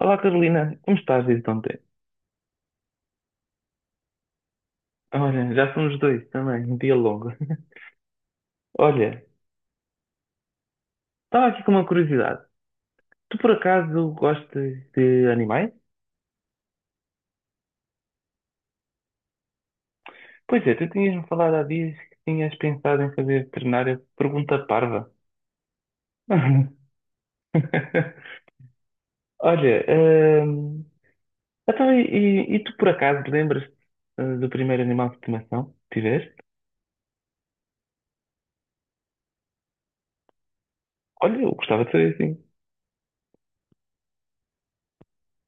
Olá Carolina, como estás desde ontem? Olha, já somos dois também, um dia longo. Olha, estava aqui com uma curiosidade. Tu por acaso gostas de animais? Pois é, tu tinhas-me falado há dias que tinhas pensado em fazer veterinária. Pergunta parva. Olha, hum, então, e tu por acaso lembras-te do primeiro animal de estimação que tiveste? Olha, eu gostava de saber assim.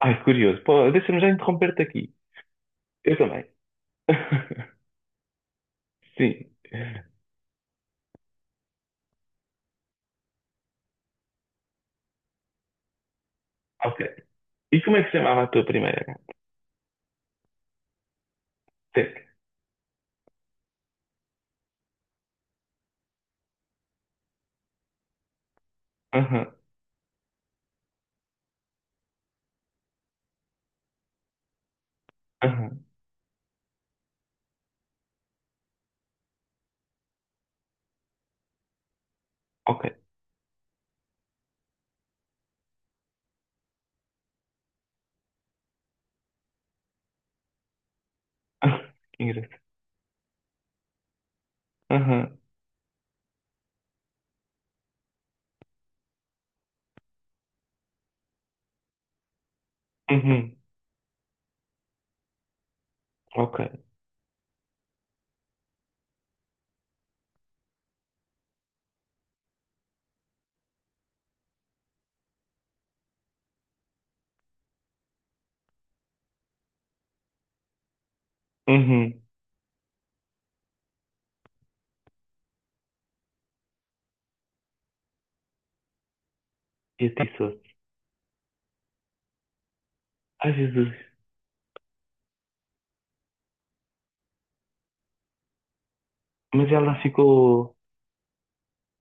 Ai, curioso. Pô, deixa-me já interromper-te aqui. Eu também. Sim. Ok. E como é que se chamava a tua primeira gata? Teta. Aham, aham, ok. Ah, que engraçado. Aham, uhum, ok. Uhum. E atiçou-se. Ai, Jesus. Mas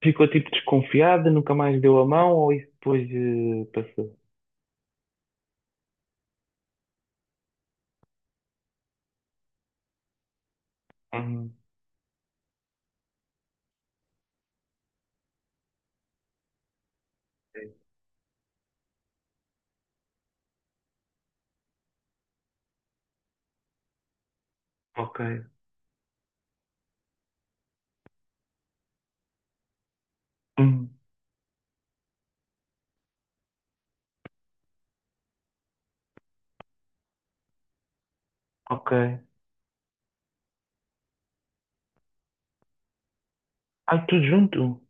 ficou tipo desconfiada, nunca mais deu a mão ou isso depois passou? Uhum. Ok. Hum, ok. Ai, tudo junto?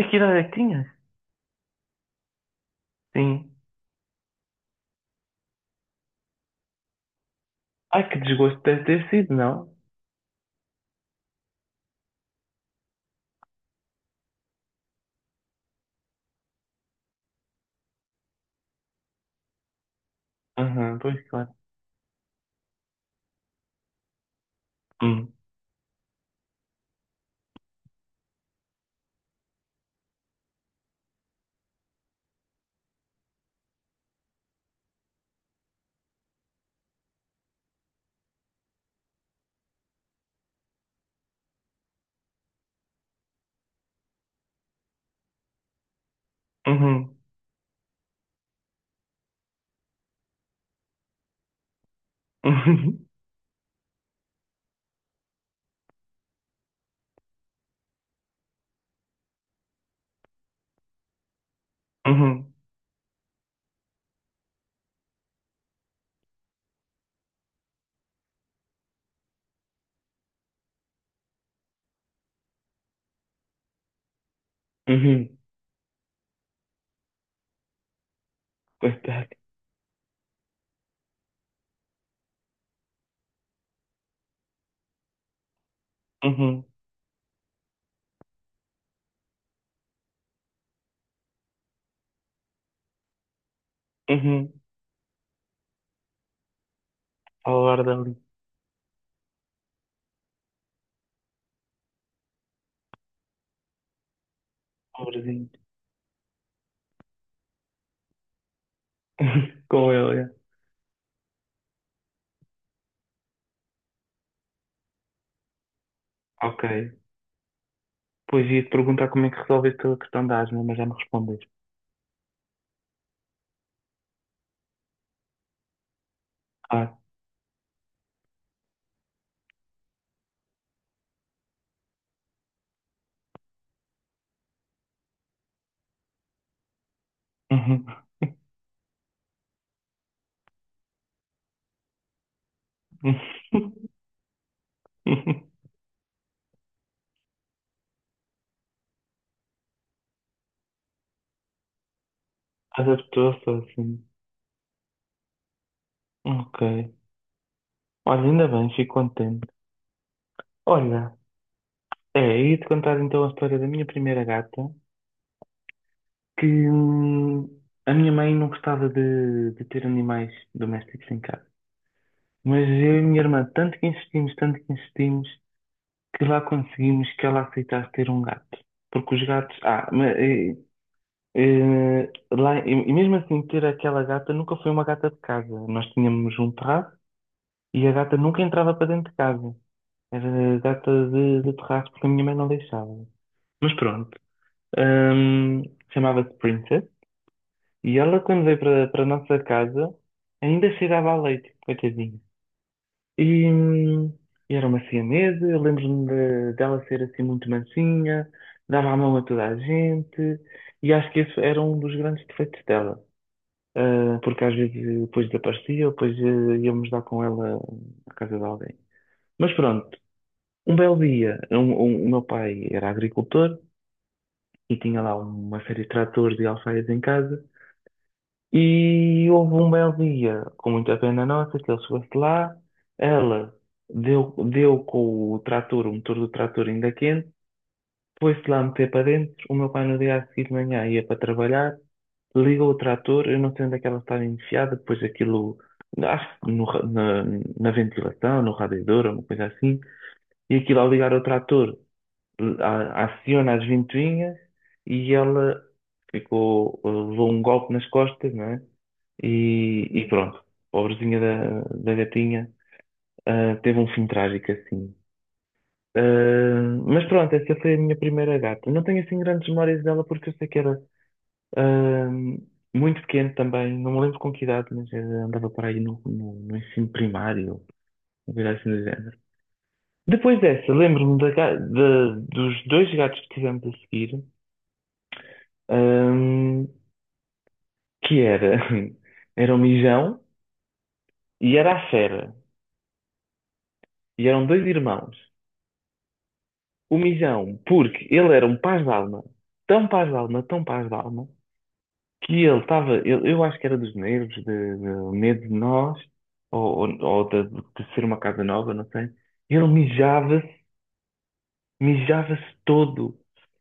E que idade é que tinhas? Sim. Ai, que desgosto deve ter sido, não? Aham, pois claro. Hum, uhum, uhum, uhum, uhum. Coitado. Uhum. Uhum. Ao ar dali, pobrezinho. Com ele, é. Ok. Pois ia-te perguntar como é que resolveste a questão da asma, mas já me respondeste. Ah. Uhum. Adaptou-se assim. Ok. Olha, ainda bem, fico contente. Olha, é, ia-te contar então a história da minha primeira gata, que a minha mãe não gostava de ter animais domésticos em casa. Mas eu e a minha irmã, tanto que insistimos, que lá conseguimos que ela aceitasse ter um gato. Porque os gatos. E mesmo assim, ter aquela gata nunca foi uma gata de casa. Nós tínhamos um terraço e a gata nunca entrava para dentro de casa. Era gata de terraço porque a minha mãe não deixava. Mas pronto. Ahm, Chamava-se Princess. E ela, quando veio para a nossa casa, ainda cheirava a leite, coitadinha. E era uma siamesa, eu lembro-me dela ser assim muito mansinha, dava a mão a toda a gente, e acho que esse era um dos grandes defeitos dela. Ah, porque às vezes depois desaparecia, ou depois íamos dar com ela à casa de alguém. Mas pronto, um belo dia, o meu pai era agricultor e tinha lá uma série de tratores e alfaias em casa. E houve um belo dia, com muita pena nossa, que ele chegou-se lá, ela deu com o trator, o motor do trator ainda quente, foi-se lá meter para dentro. O meu pai no dia a seguir de manhã ia para trabalhar, ligou o trator, eu não sei onde é que ela estava enfiada, depois aquilo, acho que no ra- na, na ventilação, no radiador, uma coisa assim, e aquilo ao ligar o trator, aciona as ventoinhas e ela ficou, levou um golpe nas costas, não é? E pronto, pobrezinha da gatinha, teve um fim trágico assim. Mas pronto, essa foi a minha primeira gata. Não tenho assim grandes memórias dela porque eu sei que era ah, muito pequeno também, não me lembro com que idade, mas andava para aí no ensino primário, uma coisa assim do género. Depois dessa, lembro-me dos dois gatos que tivemos a seguir, ah, que era, era o Mijão e era a Fera, e eram dois irmãos. O Mijão, porque ele era um paz de alma, tão paz de alma, tão paz de alma, que ele estava, eu acho que era dos nervos, de medo de nós, ou de ser uma casa nova, não sei. Ele mijava-se, mijava-se todo.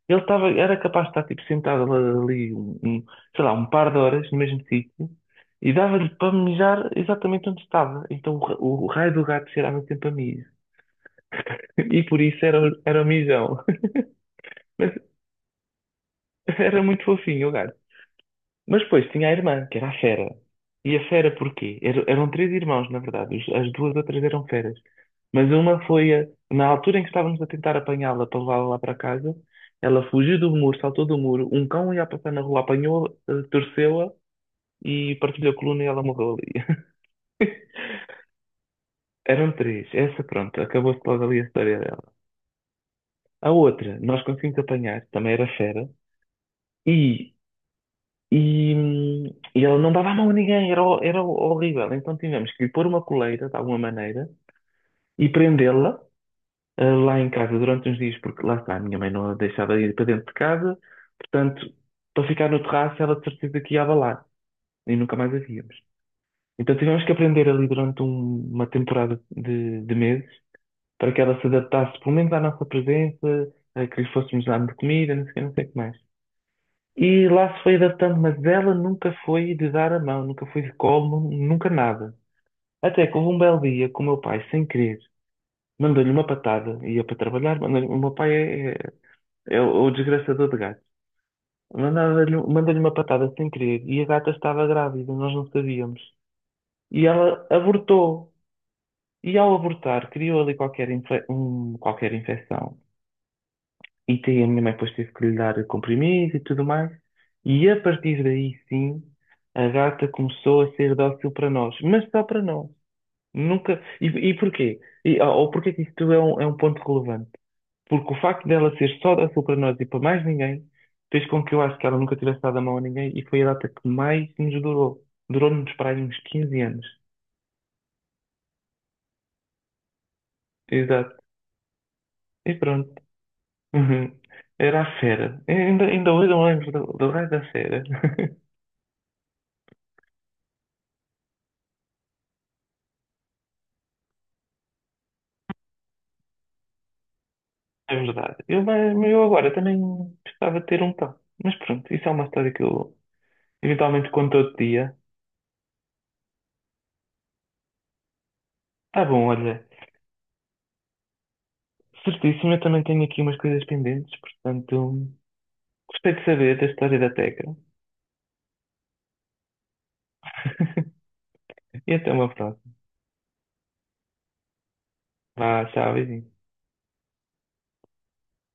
Ele estava, era capaz de estar tipo, sentado ali, um, sei lá, um par de horas no mesmo sítio, e dava-lhe para mijar exatamente onde estava. Então o raio do gato cheirava sempre a mijo. E por isso era, era o mijão. Mas era muito fofinho o gato. Mas depois tinha a irmã, que era a Fera. E a Fera porquê? Eram três irmãos, na verdade. As duas outras eram feras. Mas uma foi, na altura em que estávamos a tentar apanhá-la para levá-la lá para casa, ela fugiu do muro, saltou do muro, um cão ia passar na rua, apanhou, torceu-a e partilhou a coluna e ela morreu ali. Eram três. Essa, pronto, acabou-se logo ali a história dela. A outra, nós conseguimos apanhar, também era fera, e E, hum, e ela não dava a mão a ninguém, era, era horrível. Então tivemos que lhe pôr uma coleira, de alguma maneira, e prendê-la lá em casa durante uns dias, porque lá está, a minha mãe não a deixava ir para dentro de casa, portanto, para ficar no terraço, ela de certeza que ia abalar, e nunca mais a víamos. Então tivemos que aprender ali durante uma temporada de meses, para que ela se adaptasse, pelo menos à nossa presença, a que lhe fôssemos dando de comida, não sei o quê, não sei o que mais. E lá se foi adaptando, mas ela nunca foi de dar a mão, nunca foi de colo, nunca nada. Até que houve um belo dia que o meu pai, sem querer, mandou-lhe uma patada, ia para trabalhar, mandou-lhe, o meu pai é o desgraçador de gatos. Mandou-lhe uma patada sem querer e a gata estava grávida, nós não sabíamos. E ela abortou. E ao abortar, criou ali qualquer, qualquer infecção. E tem, a minha mãe depois teve que lhe dar comprimido e tudo mais. E a partir daí, sim, a gata começou a ser dócil para nós, mas só para nós. Nunca. E porquê? E, ou porquê que isto é é um ponto relevante? Porque o facto dela ser só dócil para nós e para mais ninguém fez com que eu acho que ela nunca tivesse dado a mão a ninguém e foi a data que mais nos durou. Durou-nos para aí uns 15 anos. Exato. E pronto. Uhum. Era a fera. Ainda, ainda hoje eu me lembro do raio da fera. É verdade. Eu, mas eu agora também gostava de ter um tal. Mas pronto, isso é uma história que eu eventualmente conto outro dia. Tá bom, olha. Certíssimo, eu também tenho aqui umas coisas pendentes, portanto, gostei de saber da história da Teca. E até uma próxima. Vá, tchau, beijinho.